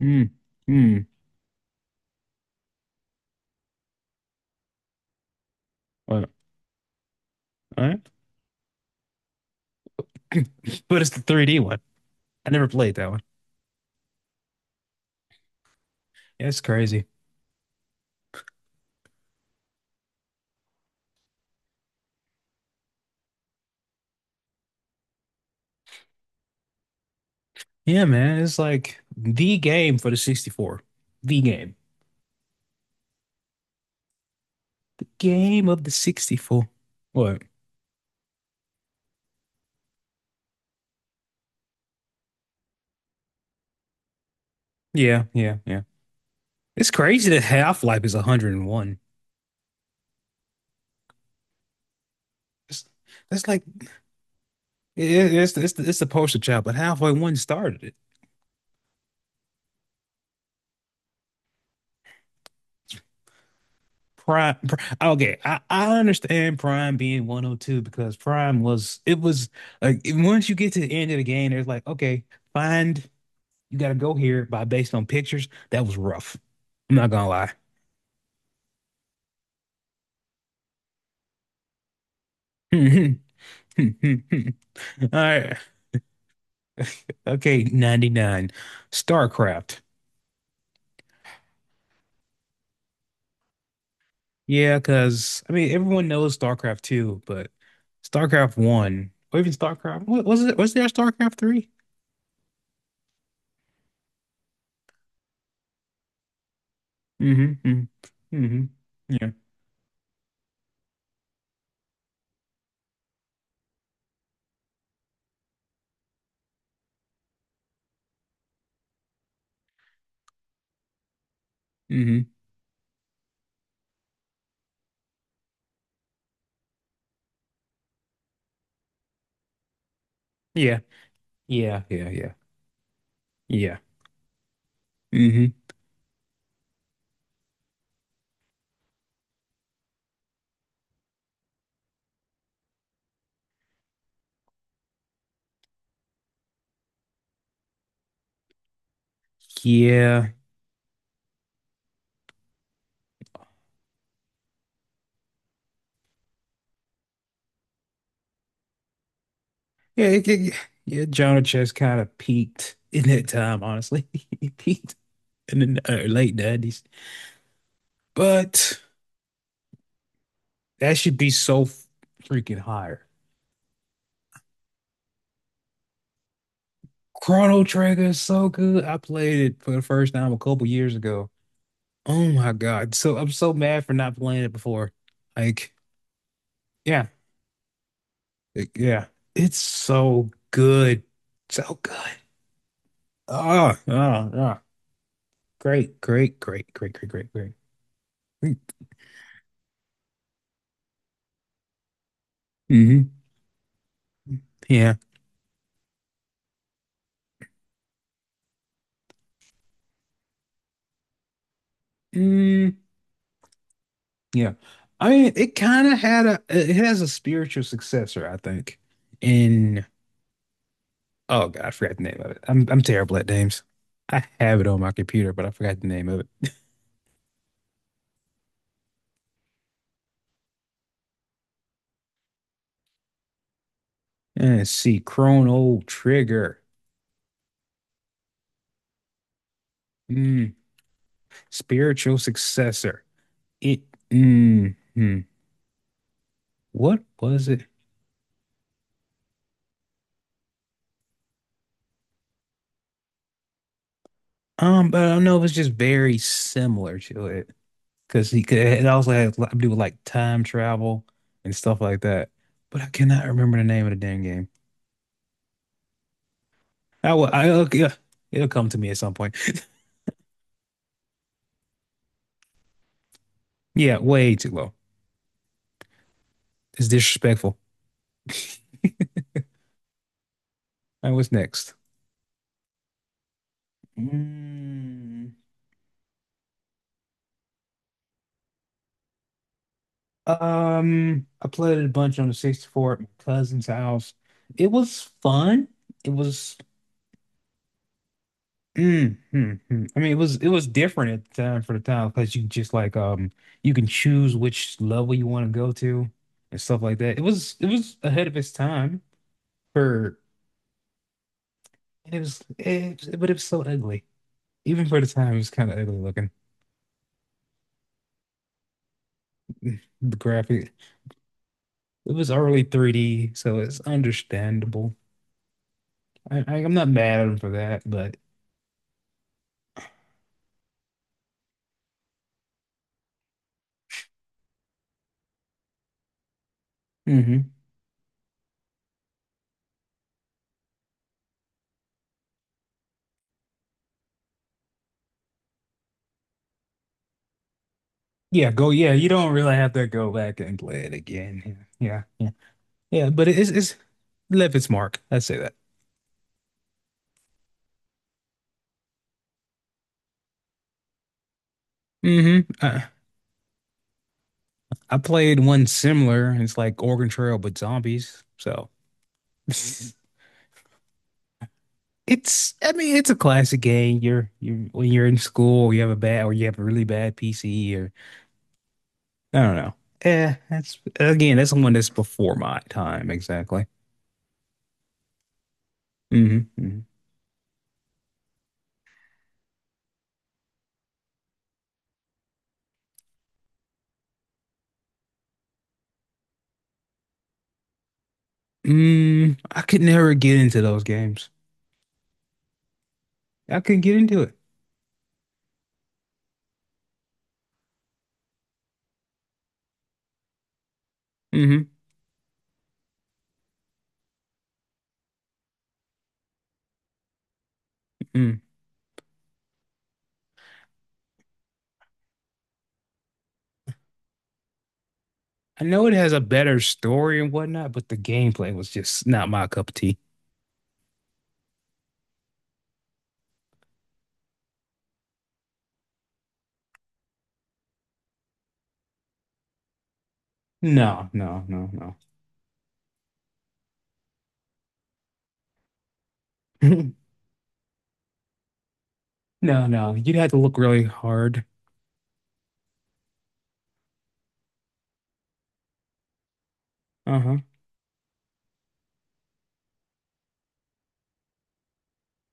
Mm, mm. What? All right. But it's the 3D one. I never played that one. Yeah, it's crazy. Yeah, man. It's like the game for the 64. The game. The game of the 64. What? Yeah, yeah, yeah. It's crazy that Half-Life is 101. It's, that's like it's the poster child, but Half-Life 1 started it. Prime. Okay, I understand Prime being 102 because Prime was it was like once you get to the end of the game, it's like, okay, find you got to go here by based on pictures. That was rough. I'm not gonna lie. All right, okay, 99. StarCraft. Yeah, because I mean everyone knows StarCraft 2, but StarCraft 1 or even StarCraft, what was it? Was there a StarCraft 3? Mm-hmm. Mm-hmm. Mm-hmm. Yeah. Mm-hmm. Yeah. Yeah, yeah, yeah, yeah. Hmm. Yeah, yeah, yeah. Jonah Chess kind of peaked in that time, honestly. He peaked in the late 90s, but that should be so freaking higher. Chrono Trigger is so good. I played it for the first time a couple years ago. Oh my God. So I'm so mad for not playing it before. Like, yeah, like, yeah, it's so good. So good. Oh, oh, oh. Great, great, great, great, great, great, great. Mm-hmm. Yeah. Mm, yeah. I mean, it kind of had a, it has a spiritual successor, I think. In, oh God, I forgot the name of it. I'm terrible at names. I have it on my computer, but I forgot the name of it. Let's see, Chrono Trigger. Mm, spiritual successor. It, mm, mm. What was it? But I don't know. It was just very similar to it. Because he could. It also has a lot to do with like time travel and stuff like that. But I cannot remember the name of the damn game. I will. Yeah, it'll come to me at some point. Yeah, way too low. It's disrespectful. All right, what's next? Mm, I played it a bunch on the 64 at my cousin's house. It was fun. It was Mm, mm, mm. I mean, it was different at the time, for the time, because you just like you can choose which level you want to go to and stuff like that. It was ahead of its time for and but it was so ugly. Even for the time, it was kind of ugly looking. The graphic It was early 3D, so it's understandable. I'm not mad at him for that, but hmm. Yeah, go. Yeah, you don't really have to go back and play it again. Yeah, yeah, yeah, yeah. But it's left its mark. I'd say that. Hmm. I played one similar, and it's like Organ Trail but zombies. So it's, I mean, it's a classic game. You when you're in school, you have a really bad PC, or I don't know. Yeah, that's again, that's the one that's before my time exactly. Hmm. Hmm. Mm, I could never get into those games. I couldn't get into it. Hmm. Mm. I know it has a better story and whatnot, but the gameplay was just not my cup of tea. No, no, no, no. No, no. You'd have to look really hard. Uh-huh.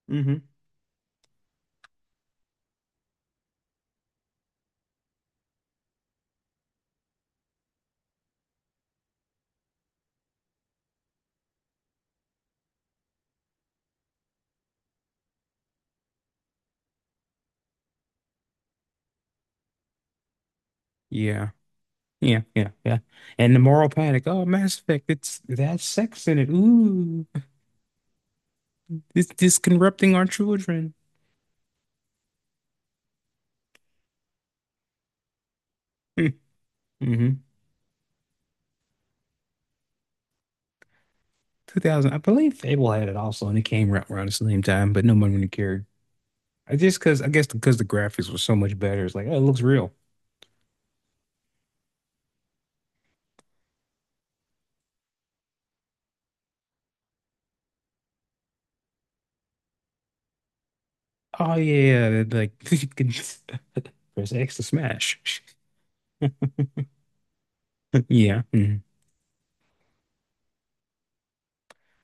Mm-hmm. Yeah. Yeah, yeah, yeah. And the moral panic. Oh, Mass Effect, it has sex in it. Ooh. This corrupting our children. Mm-hmm. 2000. I believe Fable had it also, and it came around the same time, but no one really cared. I just Because I guess, because the graphics were so much better, it's like, oh, it looks real. Oh yeah, yeah, like you can press X to smash. Yeah. Mhm.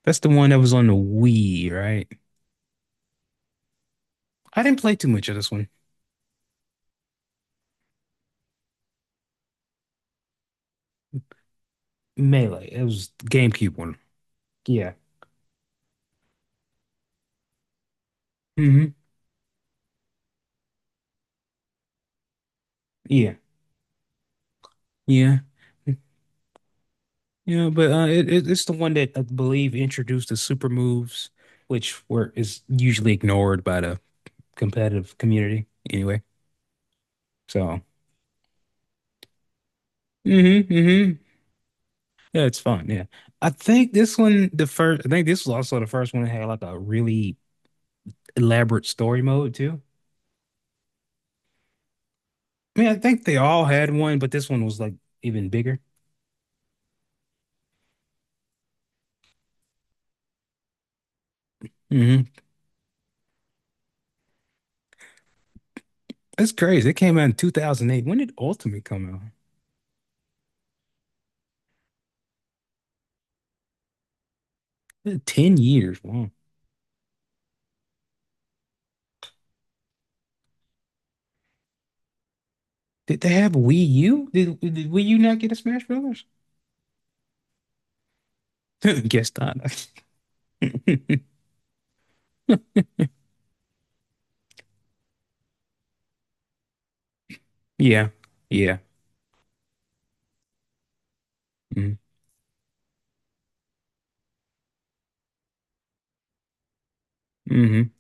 That's the one that was on the Wii, right? I didn't play too much of this one. Melee. It was GameCube one. Yeah. Hmm. Yeah. Yeah. Yeah, but it's the one that I believe introduced the super moves, which were is usually ignored by the competitive community anyway. So, hmm, hmm. Yeah, it's fun. Yeah, I think this was also the first one that had like a really elaborate story mode too. I mean, I think they all had one, but this one was like even bigger. Hmm. That's crazy. It came out in 2008. When did Ultimate come out? 10 years. Wow. Did they have Wii U? Did Wii U not get a Smash Brothers? Guess not. Yeah. Yeah. Mm-hmm. Mm-hmm.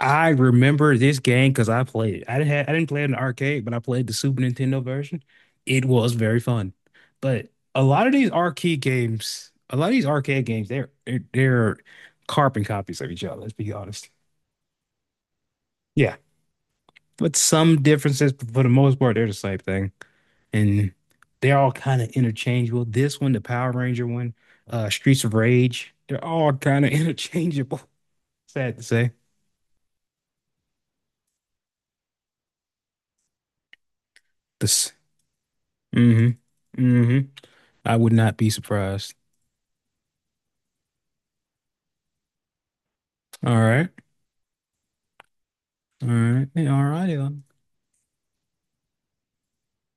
I remember this game because I played it. I didn't play it in the arcade, but I played the Super Nintendo version. It was very fun. But a lot of these arcade games, a lot of these arcade games, they're carbon copies of each other, let's be honest. Yeah. But some differences, but for the most part, they're the same thing. And they're all kind of interchangeable. This one, the Power Ranger one, Streets of Rage, they're all kind of interchangeable. Sad to say. This, mm-hmm, mm-hmm. I would not be surprised. All right, all right, yeah, all righty then.